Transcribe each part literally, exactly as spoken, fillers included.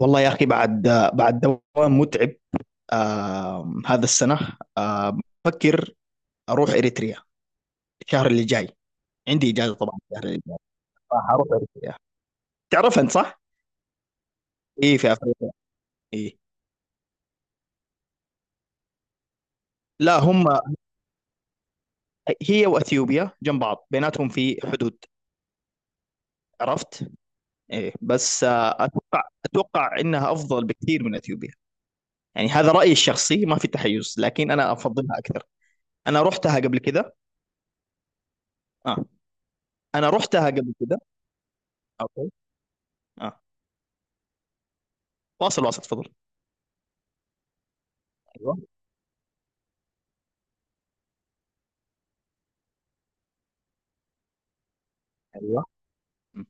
والله يا أخي بعد بعد دوام متعب. آه هذا السنة، آه بفكر أروح إريتريا الشهر اللي جاي. عندي إجازة طبعا الشهر اللي جاي، راح أروح إريتريا. تعرف أنت صح؟ إيه، في أفريقيا. إيه. لا، هم، هي وأثيوبيا جنب بعض، بيناتهم في حدود. عرفت؟ إيه. بس آه أتوقع أتوقع إنها أفضل بكثير من أثيوبيا. يعني هذا رأيي الشخصي، ما في تحيز، لكن أنا أفضلها أكثر. أنا رحتها قبل كده. آه. أنا رحتها قبل كده. أوكي. آه. واصل واصل، تفضل. أيوة. ايوه. م.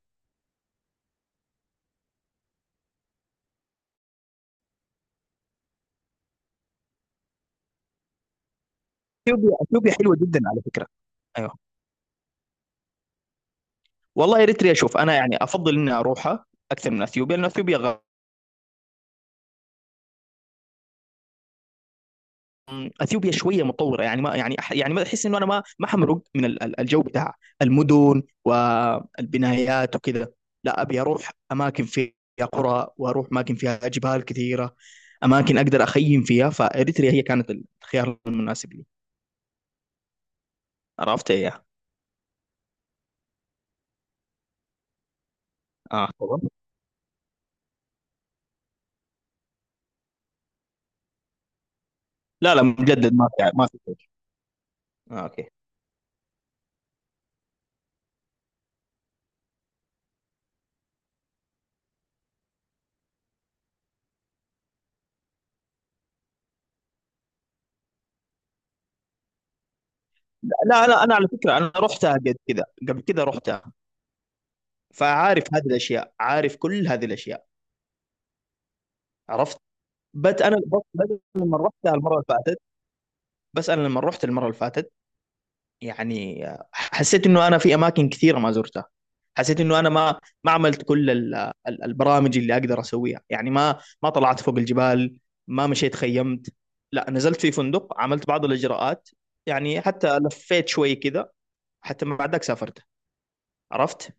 اثيوبيا اثيوبيا حلوه جدا على فكره. ايوه. والله اريتريا، شوف انا يعني افضل اني اروحها اكثر من اثيوبيا، لان اثيوبيا غ... اثيوبيا شويه متطوره. يعني ما، يعني أح- يعني ما احس انه انا ما ما حمرق من ال- ال- الجو بتاع المدن والبنايات وكذا. لا، ابي اروح اماكن فيها قرى، واروح اماكن فيها جبال كثيره، اماكن اقدر اخيم فيها. فاريتريا هي كانت الخيار المناسب لي. عرفت؟ ايه. اه، طبعا. لا لا، مجدد، ما في ما في شيء. آه، اوكي. لا لا، انا على فكره، انا رحتها قبل كذا. قبل كذا رحتها. فعارف هذه الاشياء، عارف كل هذه الاشياء. عرفت. بس انا بس بس لما رحتها المره اللي فاتت. بس انا لما رحت المره اللي فاتت، يعني حسيت انه انا في اماكن كثيره ما زرتها. حسيت انه انا ما ما عملت كل ال- ال- البرامج اللي اقدر اسويها. يعني ما ما طلعت فوق الجبال، ما مشيت، خيمت. لا، نزلت في فندق، عملت بعض الاجراءات. يعني حتى لفيت شوي كذا، حتى ما بعدك سافرت. عرفت؟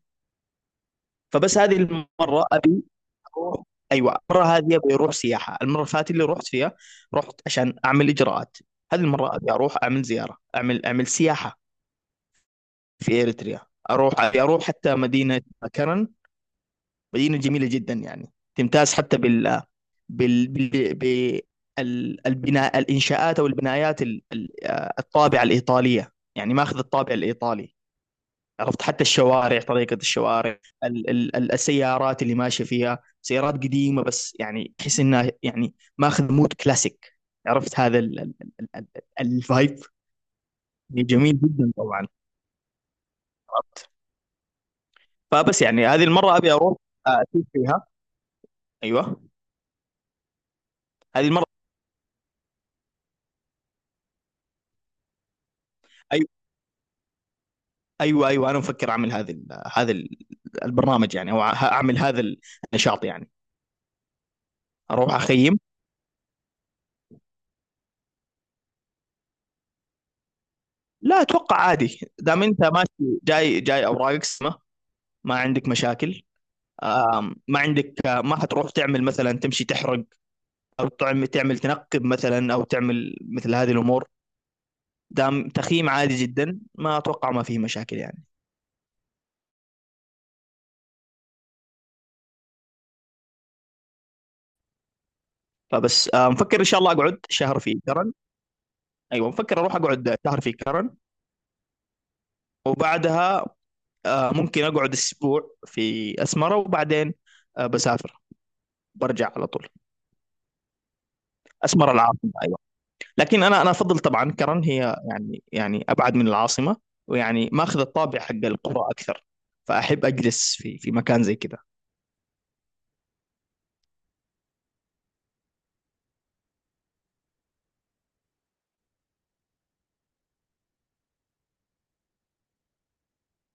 فبس هذه المره ابي اروح. ايوه، المره هذه ابي اروح سياحه. المره اللي فاتت اللي رحت فيها، رحت عشان اعمل اجراءات. هذه المره ابي اروح اعمل زياره، اعمل اعمل سياحه في اريتريا. اروح، ابي اروح حتى مدينه كرن. مدينه جميله جدا، يعني تمتاز حتى بال بال بال بال- البناء الانشاءات او البنايات، ال- ال- الطابعه الايطاليه، يعني ماخذ الطابع الايطالي. عرفت؟ حتى الشوارع، طريقة الشوارع، ال ال ال- السيارات اللي ماشية فيها، سيارات قديمة، بس يعني تحس انها يعني ماخذ مود كلاسيك. عرفت، هذا ال- ال- ال- ال- الفايب. جميل جدا طبعا. عرفت؟ فبس يعني هذه المرة ابي اروح آه، اشوف فيها. ايوه، هذه المرة. أيوة. ايوه ايوه، انا مفكر اعمل هذا ال- هذا ال- البرنامج، يعني او ه- اعمل هذا النشاط يعني. اروح اخيم. لا، اتوقع عادي، دام انت ماشي جاي، جاي اوراقك سليمة، ما عندك مشاكل. آم، ما عندك، آه، ما حتروح تعمل مثلا، تمشي تحرق، او تعمل تعمل تنقب مثلا، او تعمل مثل هذه الامور. دام تخييم، عادي جدا، ما اتوقع ما فيه مشاكل يعني. فبس آه، مفكر ان شاء الله اقعد شهر في كرن. ايوه مفكر اروح اقعد شهر في كرن، وبعدها آه، ممكن اقعد اسبوع في اسمره، وبعدين آه، بسافر، برجع على طول. اسمره العاصمه. أيوة. لكن انا انا افضل طبعا كرن. هي يعني يعني ابعد من العاصمه، ويعني ماخذ الطابع حق القرى اكثر. فاحب اجلس في في مكان زي كذا.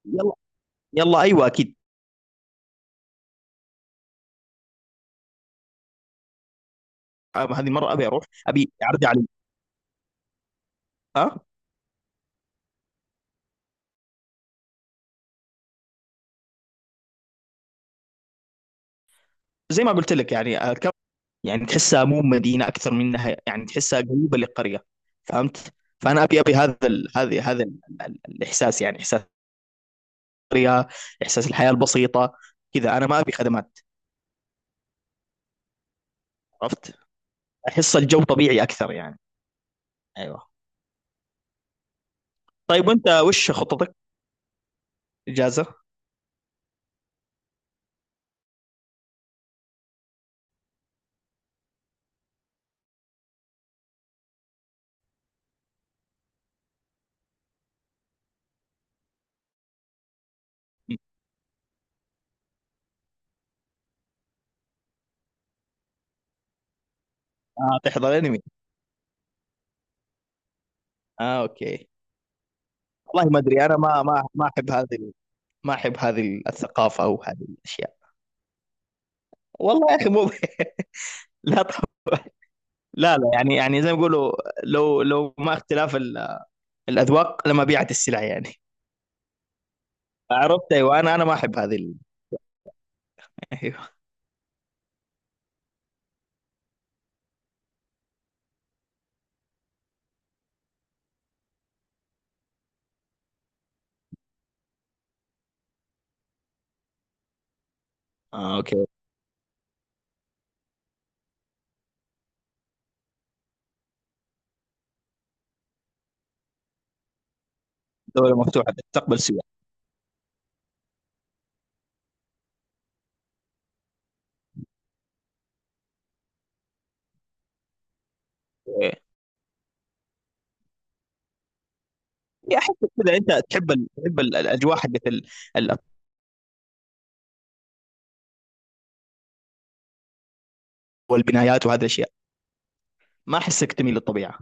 يلا، يلا. ايوه، اكيد. أم- هذه مره ابي اروح، ابي اعرض علي. ها. زي ما قلت لك يعني الكرم، يعني تحسها مو مدينه، اكثر منها يعني تحسها قريبه للقريه. فهمت؟ فانا ابي ابي هذا ال... هذا هذا ال... ال- الاحساس، يعني احساس القريه، احساس الحياه البسيطه. كذا انا ما ابي خدمات. عرفت؟ احس الجو طبيعي اكثر يعني. ايوه. طيب وانت وش خططك اجازه؟ اه، تحضر انمي. اه، اوكي. والله ما ادري، انا ما ما ما احب هذه ال- ما احب هذه الثقافه او هذه الاشياء. والله يا اخي، مو لا طب. لا لا، يعني يعني زي ما يقولوا، لو لو ما اختلاف ال- الاذواق لما بيعت السلع يعني. عرفت؟ ايوه، انا انا ما احب هذه ال... ايوه. اه، اوكي. دوله مفتوحه، تستقبل سياح. إيه. يا احسك كذا انت تحب ال... تحب ال- الاجواء حقت ال... ال- والبنايات وهذه الاشياء. ما احسك تميل للطبيعه.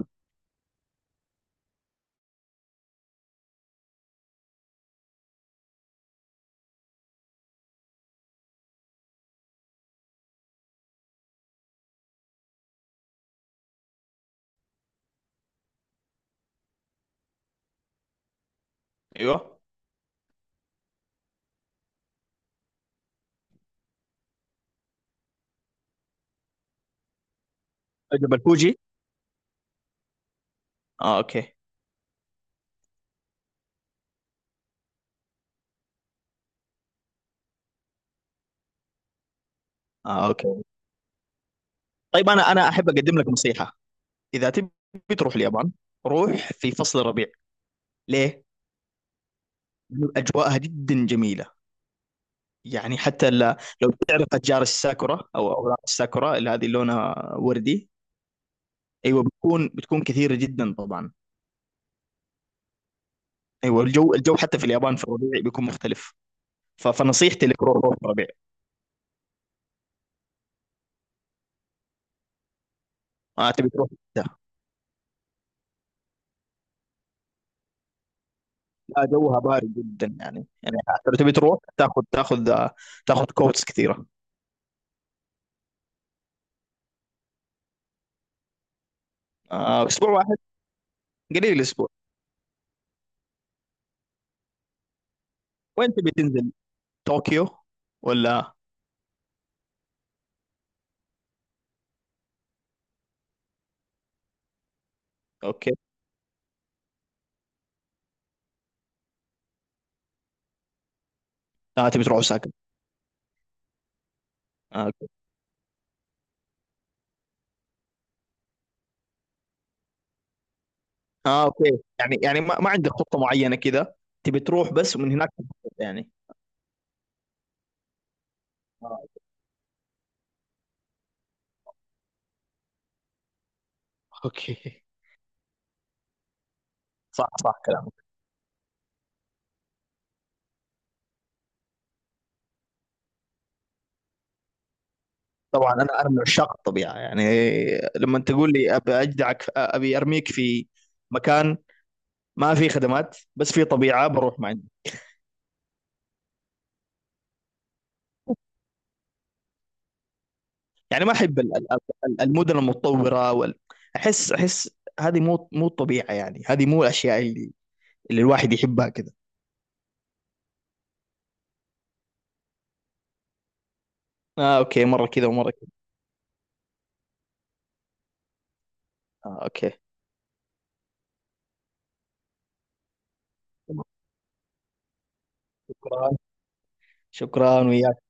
ايوه، جبل فوجي. اه، اوكي. اه، اوكي. طيب، انا انا احب اقدم لك نصيحه. اذا تبي تروح اليابان، روح في فصل الربيع. ليه؟ لأنه اجواءها جدا جميله. يعني حتى ل- لو تعرف اشجار الساكورا، او اوراق الساكورا اللي هذه لونها وردي. ايوه، بتكون بتكون كثيره جدا طبعا. ايوه، الجو الجو حتى في اليابان في الربيع بيكون مختلف. ف- فنصيحتي لك، روح روح في الربيع. ما تبي تروح ده. لا، جوها بارد جدا، يعني يعني لو تبي تروح تاخذ تاخذ تاخذ كوتس كثيره. آه، اسبوع واحد، قليل الاسبوع. وين تبي تنزل؟ طوكيو ولا؟ اوكي. اه، تبي تروح اوساكا. آه، اوكي. اه، اوكي. يعني يعني ما, ما عندك خطة معينة كذا؟ تبي تروح، بس ومن هناك تخطط يعني. آه، اوكي. صح، صح كلامك. طبعا انا انا من عشاق الطبيعه يعني. لما تقول لي، ابي اجدعك، ابي ارميك في مكان ما في خدمات، بس في طبيعه، بروح، ما عندي. يعني ما احب ال- ال- ال- المدن المتطوره وال... احس احس هذه مو مو الطبيعه، يعني هذه مو الاشياء اللي اللي الواحد يحبها. اه، اوكي. مرة كذا ومرة كذا. آه، اوكي. شكرا. شكرا وياك.